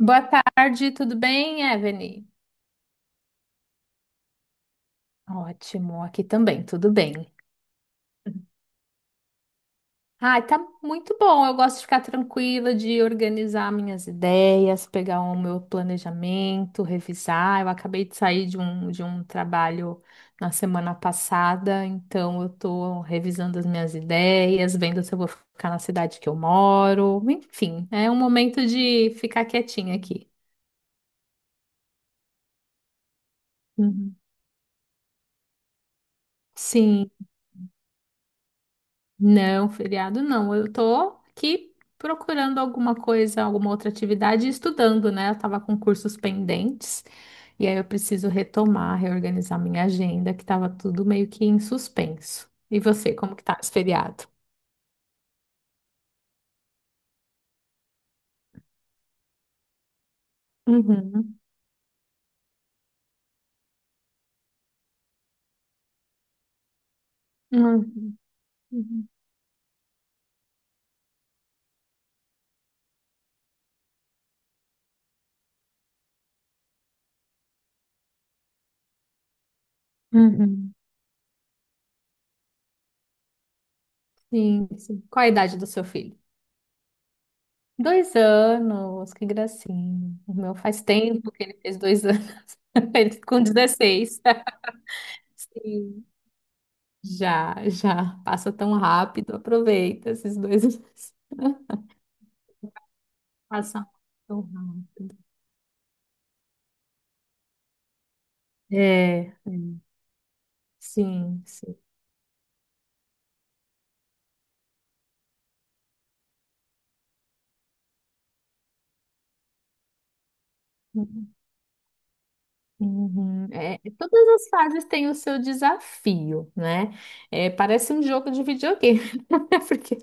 Boa tarde, tudo bem, Evelyn? Ótimo, aqui também, tudo bem. Ai, tá muito bom. Eu gosto de ficar tranquila, de organizar minhas ideias, pegar o meu planejamento, revisar. Eu acabei de sair de um trabalho na semana passada, então eu tô revisando as minhas ideias, vendo se eu vou ficar na cidade que eu moro. Enfim, é um momento de ficar quietinha aqui. Uhum. Sim. Não, feriado não. Eu tô aqui procurando alguma coisa, alguma outra atividade e estudando, né? Eu tava com cursos pendentes e aí eu preciso retomar, reorganizar minha agenda, que tava tudo meio que em suspenso. E você, como que tá esse feriado? Uhum. Uhum. Uhum. Uhum. Sim, sim. Qual a idade do seu filho? Dois anos, que gracinha. O meu faz tempo que ele fez dois anos. Ele com 16. Sim. Já, já. Passa tão rápido, aproveita esses dois meses. Passam tão rápido. É, é, sim, sim. Uhum. É, todas as fases têm o seu desafio, né? É, parece um jogo de videogame, porque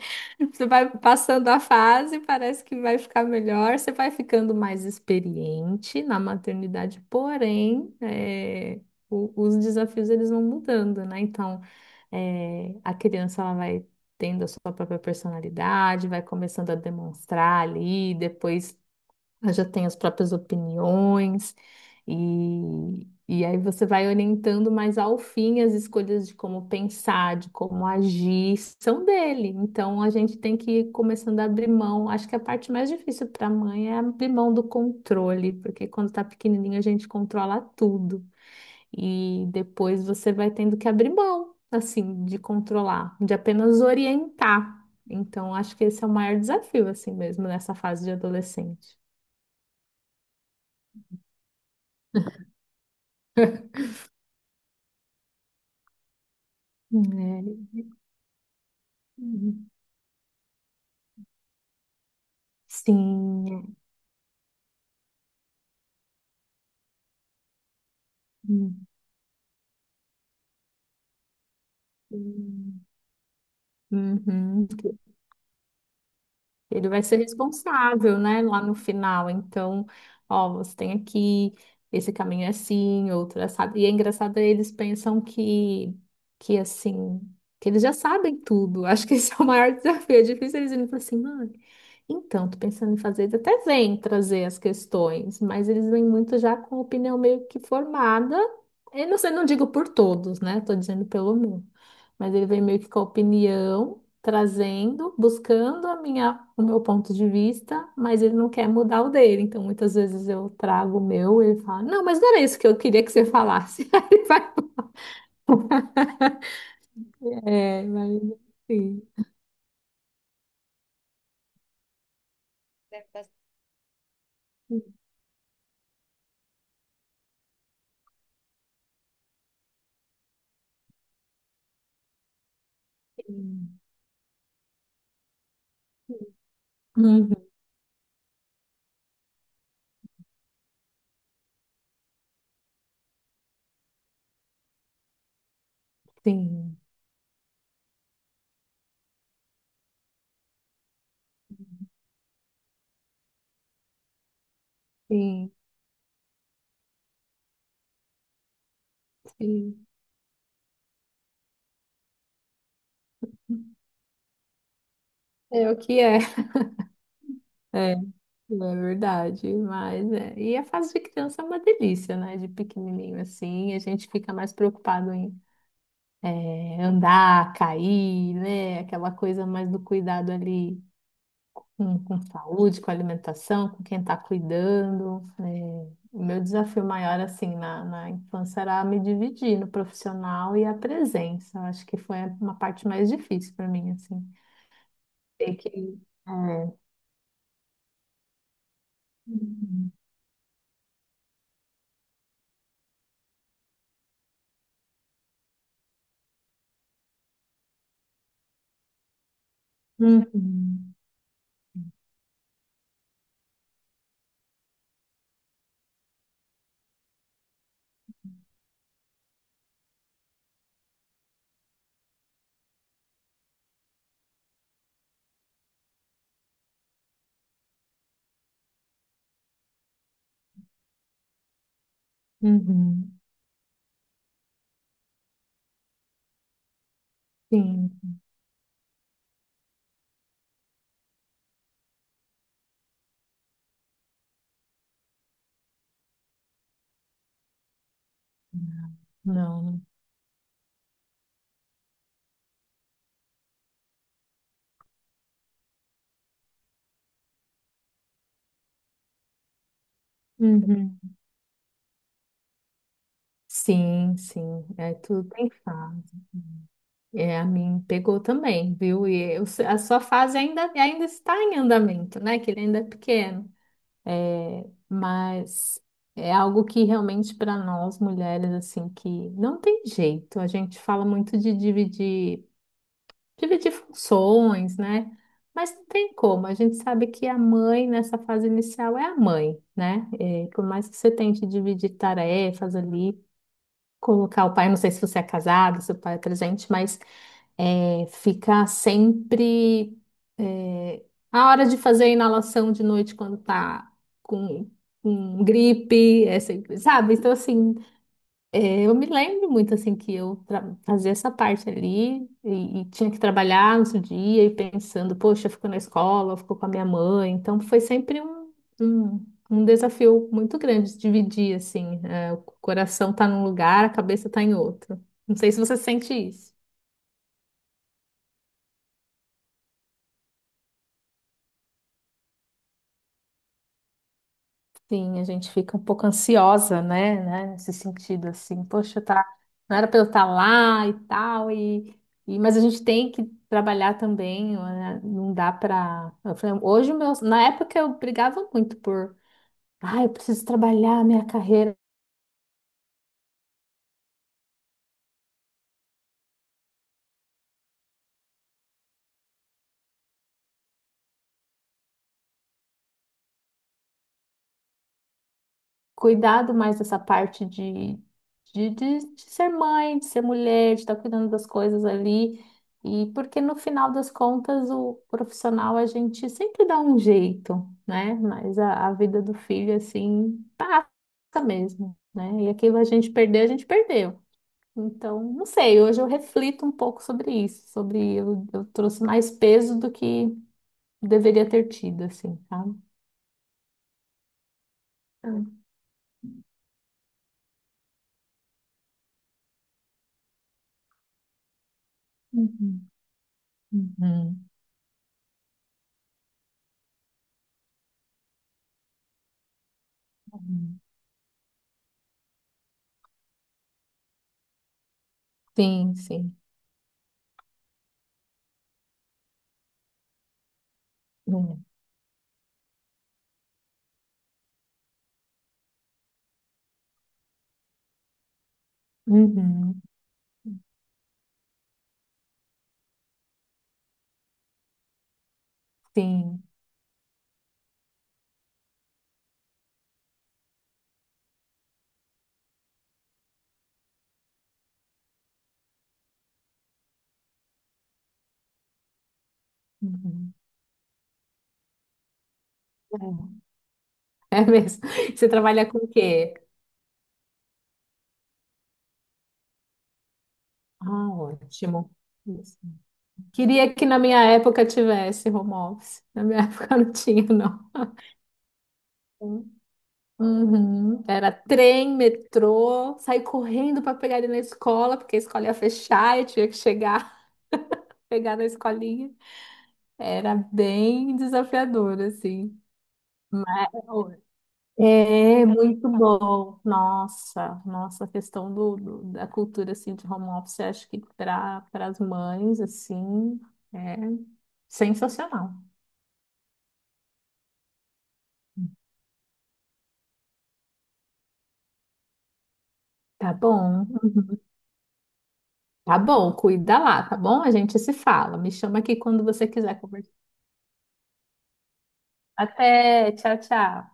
você vai passando a fase, parece que vai ficar melhor, você vai ficando mais experiente na maternidade, porém, é, os desafios eles vão mudando, né? Então, é, a criança ela vai tendo a sua própria personalidade, vai começando a demonstrar ali, depois. Ela já tem as próprias opiniões, e, aí você vai orientando, mas ao fim as escolhas de como pensar, de como agir, são dele. Então a gente tem que ir começando a abrir mão. Acho que a parte mais difícil para a mãe é abrir mão do controle, porque quando está pequenininho a gente controla tudo, e depois você vai tendo que abrir mão, assim, de controlar, de apenas orientar. Então, acho que esse é o maior desafio, assim mesmo, nessa fase de adolescente. É, uhum. Sim. É. Uhum. Uhum. Ele vai ser responsável, né, lá no final. Então, ó, você tem aqui, esse caminho é assim, outro é assado. E é engraçado, eles pensam que assim, que eles já sabem tudo. Acho que esse é o maior desafio. É difícil eles irem e falarem assim, mãe, então, tô pensando em fazer. Eles até vêm trazer as questões, mas eles vêm muito já com a opinião meio que formada. Eu não sei, não digo por todos, né? Tô dizendo pelo meu. Mas ele vem meio que com a opinião trazendo, buscando a minha, o meu ponto de vista, mas ele não quer mudar o dele. Então, muitas vezes eu trago o meu, ele fala, não, mas não era isso que eu queria que você falasse. Aí ele vai, é, mas sim. Deve estar- Sim, uhum, sim, sim. Sim. É o que é. É, é verdade, mas é. E a fase de criança é uma delícia, né? De pequenininho assim, a gente fica mais preocupado em. É, andar, cair, né? Aquela coisa mais do cuidado ali com saúde, com alimentação, com quem está cuidando, né? O meu desafio maior, assim, na infância era me dividir no profissional e a presença. Eu acho que foi uma parte mais difícil para mim, assim. Ter que... É. Uhum. Uhum. Uhum. Sim. Não. Uhum. Sim, sim. É, tudo tem fase. É, a mim pegou também, viu? A sua fase ainda, ainda está em andamento, né? Que ele ainda é pequeno. É, mas é algo que realmente para nós mulheres, assim, que não tem jeito. A gente fala muito de dividir, dividir funções, né? Mas não tem como. A gente sabe que a mãe, nessa fase inicial, é a mãe, né? É, por mais que você tente dividir tarefas ali, colocar o pai, não sei se você é casado, se o pai é presente, mas é, ficar sempre é, a hora de fazer a inalação de noite quando tá com, com gripe, é sempre, sabe? Então, assim, é, eu me lembro muito, assim, que fazia essa parte ali e tinha que trabalhar no outro dia e pensando, poxa, eu fico na escola, eu fico com a minha mãe. Então, foi sempre um desafio muito grande de dividir, assim, é, o coração tá num lugar, a cabeça tá em outro. Não sei se você sente isso. Sim, a gente fica um pouco ansiosa, né, nesse sentido assim, poxa, tá, não era para eu estar lá e tal e mas a gente tem que trabalhar também, né, não dá para, hoje o meu, na época eu brigava muito por, ah, eu preciso trabalhar a minha carreira cuidado mais dessa parte de ser mãe, de ser mulher, de estar cuidando das coisas ali. E porque no final das contas, o profissional a gente sempre dá um jeito, né? Mas a vida do filho, assim, tá mesmo, né? E aquilo a gente perdeu, a gente perdeu. Então, não sei, hoje eu reflito um pouco sobre isso, sobre eu trouxe mais peso do que deveria ter tido, assim, sabe? Uhum, uhum, uhum. Sim, sim. Uhum, sim. Uhum. É, é mesmo. Você trabalha com o quê? Ah, ótimo. Isso. Queria que na minha época tivesse home office. Na minha época não tinha, não. Uhum. Era trem, metrô, sair correndo para pegar ele na escola, porque a escola ia fechar e tinha que chegar, pegar na escolinha. Era bem desafiador, assim. É muito bom. Nossa, nossa, a questão da cultura assim de home office, eu acho que para as mães assim é sensacional. Tá bom. Uhum. Tá bom, cuida lá, tá bom? A gente se fala. Me chama aqui quando você quiser conversar. Até, tchau, tchau.